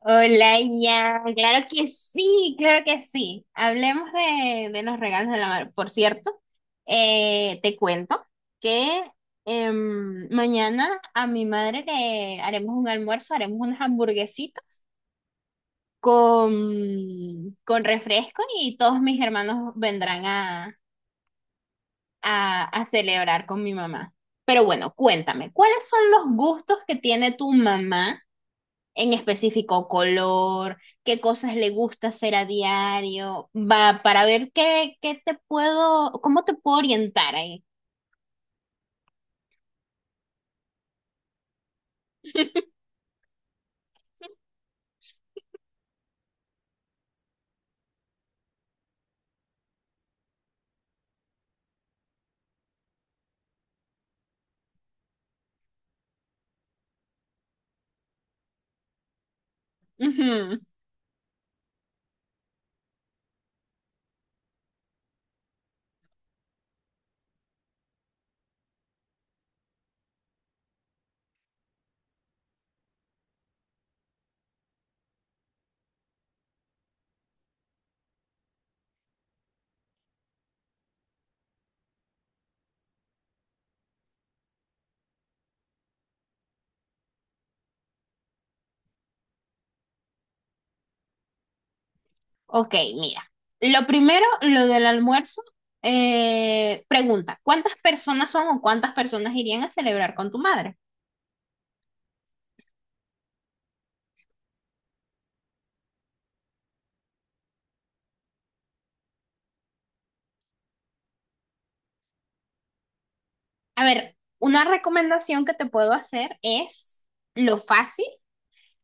Hola, ya, claro que sí, claro que sí. Hablemos de los regalos de la madre. Por cierto, te cuento que mañana a mi madre le haremos un almuerzo, haremos unas hamburguesitas con refresco y todos mis hermanos vendrán a celebrar con mi mamá. Pero bueno, cuéntame, ¿cuáles son los gustos que tiene tu mamá? En específico color, qué cosas le gusta hacer a diario, va, para ver cómo te puedo orientar ahí. Ujú. Ok, mira. Lo primero, lo del almuerzo. Pregunta, ¿cuántas personas son o cuántas personas irían a celebrar con tu madre? A ver, una recomendación que te puedo hacer es lo fácil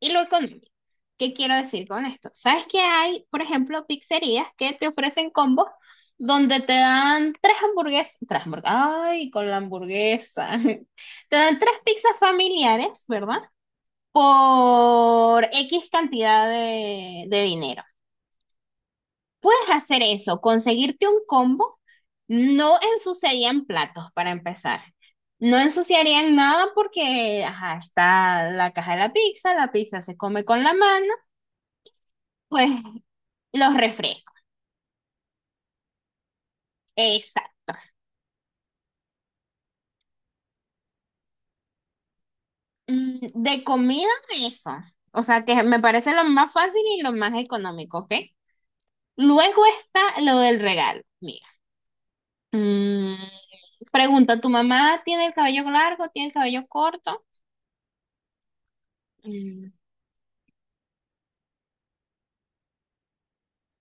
y lo económico. ¿Qué quiero decir con esto? ¿Sabes que hay, por ejemplo, pizzerías que te ofrecen combos donde te dan tres hamburguesas, ay, con la hamburguesa, te dan tres pizzas familiares, ¿verdad? Por X cantidad de dinero. Puedes hacer eso, conseguirte un combo, no ensuciarían platos para empezar. No ensuciarían nada porque, ajá, está la caja de la pizza se come con la mano, pues los refrescos. Exacto. De comida, eso. O sea, que me parece lo más fácil y lo más económico, ¿ok? Luego está lo del regalo. Mira. Mm, Pregunta, ¿tu mamá tiene el cabello largo? ¿Tiene el cabello corto? Mm,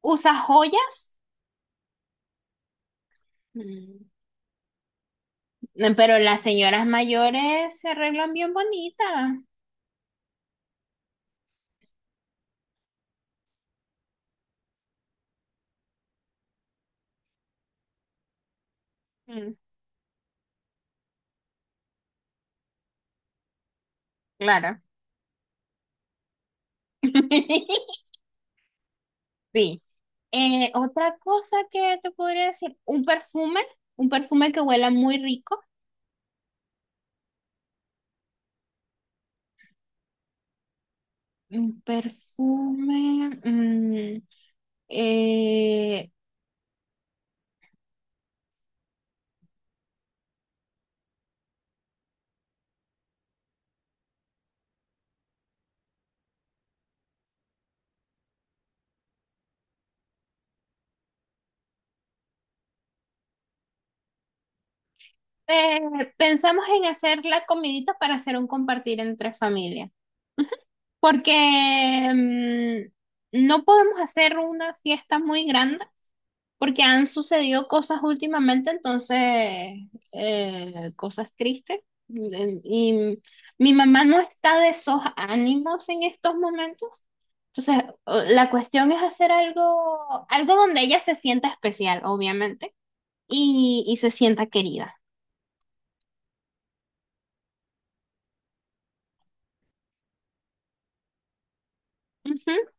¿usa joyas? Mm, pero las señoras mayores se arreglan bien bonitas. Mm, claro. Sí. Otra cosa que te podría decir, un perfume que huela muy rico. Un perfume. Eh, Pensamos en hacer la comidita para hacer un compartir entre familias, porque no podemos hacer una fiesta muy grande. Porque han sucedido cosas últimamente, entonces, cosas tristes. Y mi mamá no está de esos ánimos en estos momentos. Entonces, o- la cuestión es hacer algo, algo donde ella se sienta especial, obviamente, y se sienta querida. Ujú.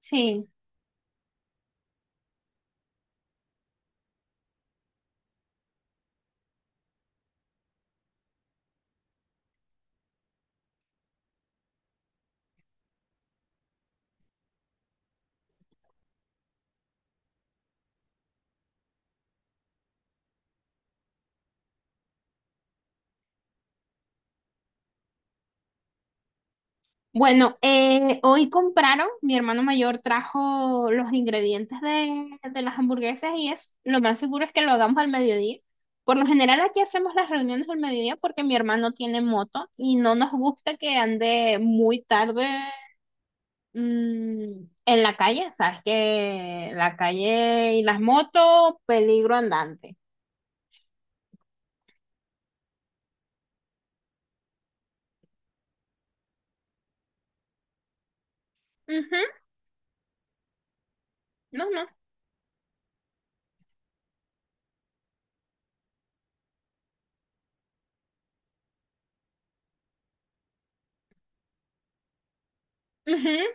Sí. Bueno, hoy compraron, mi hermano mayor trajo los ingredientes de las hamburguesas y es lo más seguro es que lo hagamos al mediodía. Por lo general aquí hacemos las reuniones al mediodía porque mi hermano tiene moto y no nos gusta que ande muy tarde en la calle. Sabes que la calle y las motos, peligro andante. Ujú, no, no. Ujú.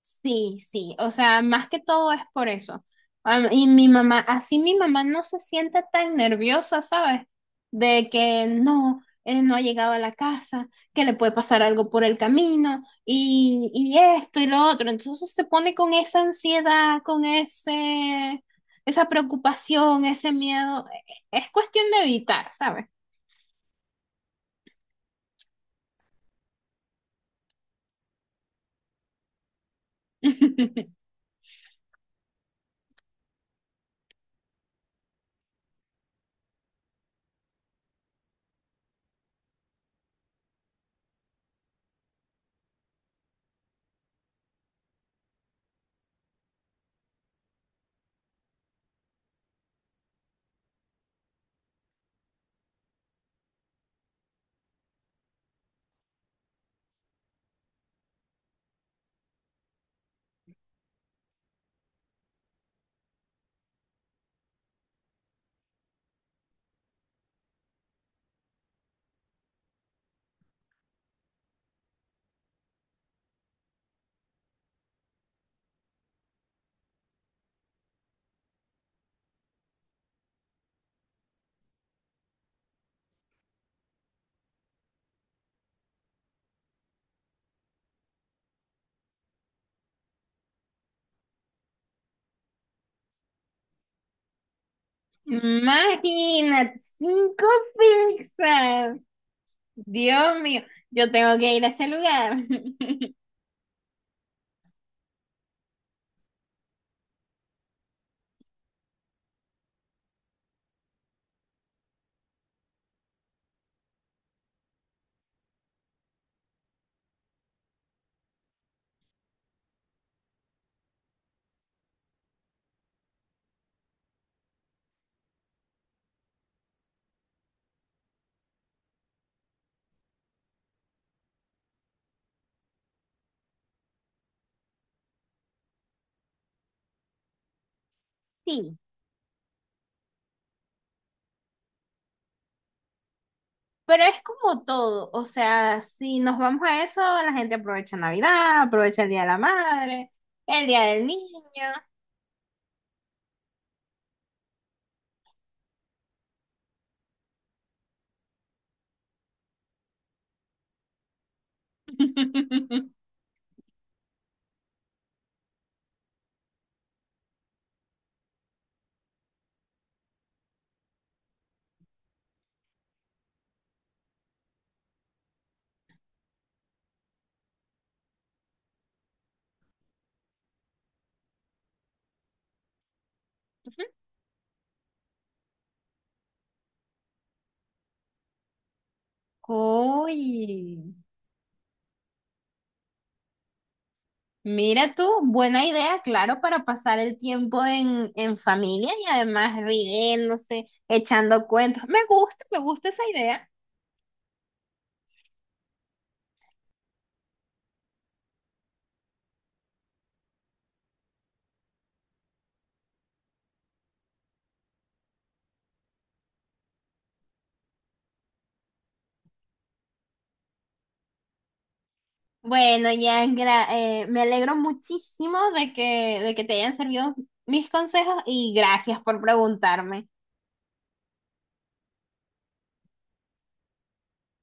Sí, sí, o sea, más que todo es por eso. Am- Y mi mamá, así mi mamá no se siente tan nerviosa, ¿sabes? De que no, no ha llegado a la casa, que le puede pasar algo por el camino y esto y lo otro. Entonces se pone con esa ansiedad, esa preocupación, ese miedo. E- Es cuestión de evitar, ¿sabes? Imagínate, cinco pizzas. Dios mío, yo tengo que ir a ese lugar. Sí, pero es como todo, o sea, si nos vamos a eso, la gente aprovecha Navidad, aprovecha el Día de la Madre, el Día del Niño. Uy, mira tú, buena idea, claro, para pasar el tiempo en familia y además riéndose, echando cuentos. Me gusta esa idea. Bueno, ya gra- me alegro muchísimo de que te hayan servido mis consejos y gracias por preguntarme.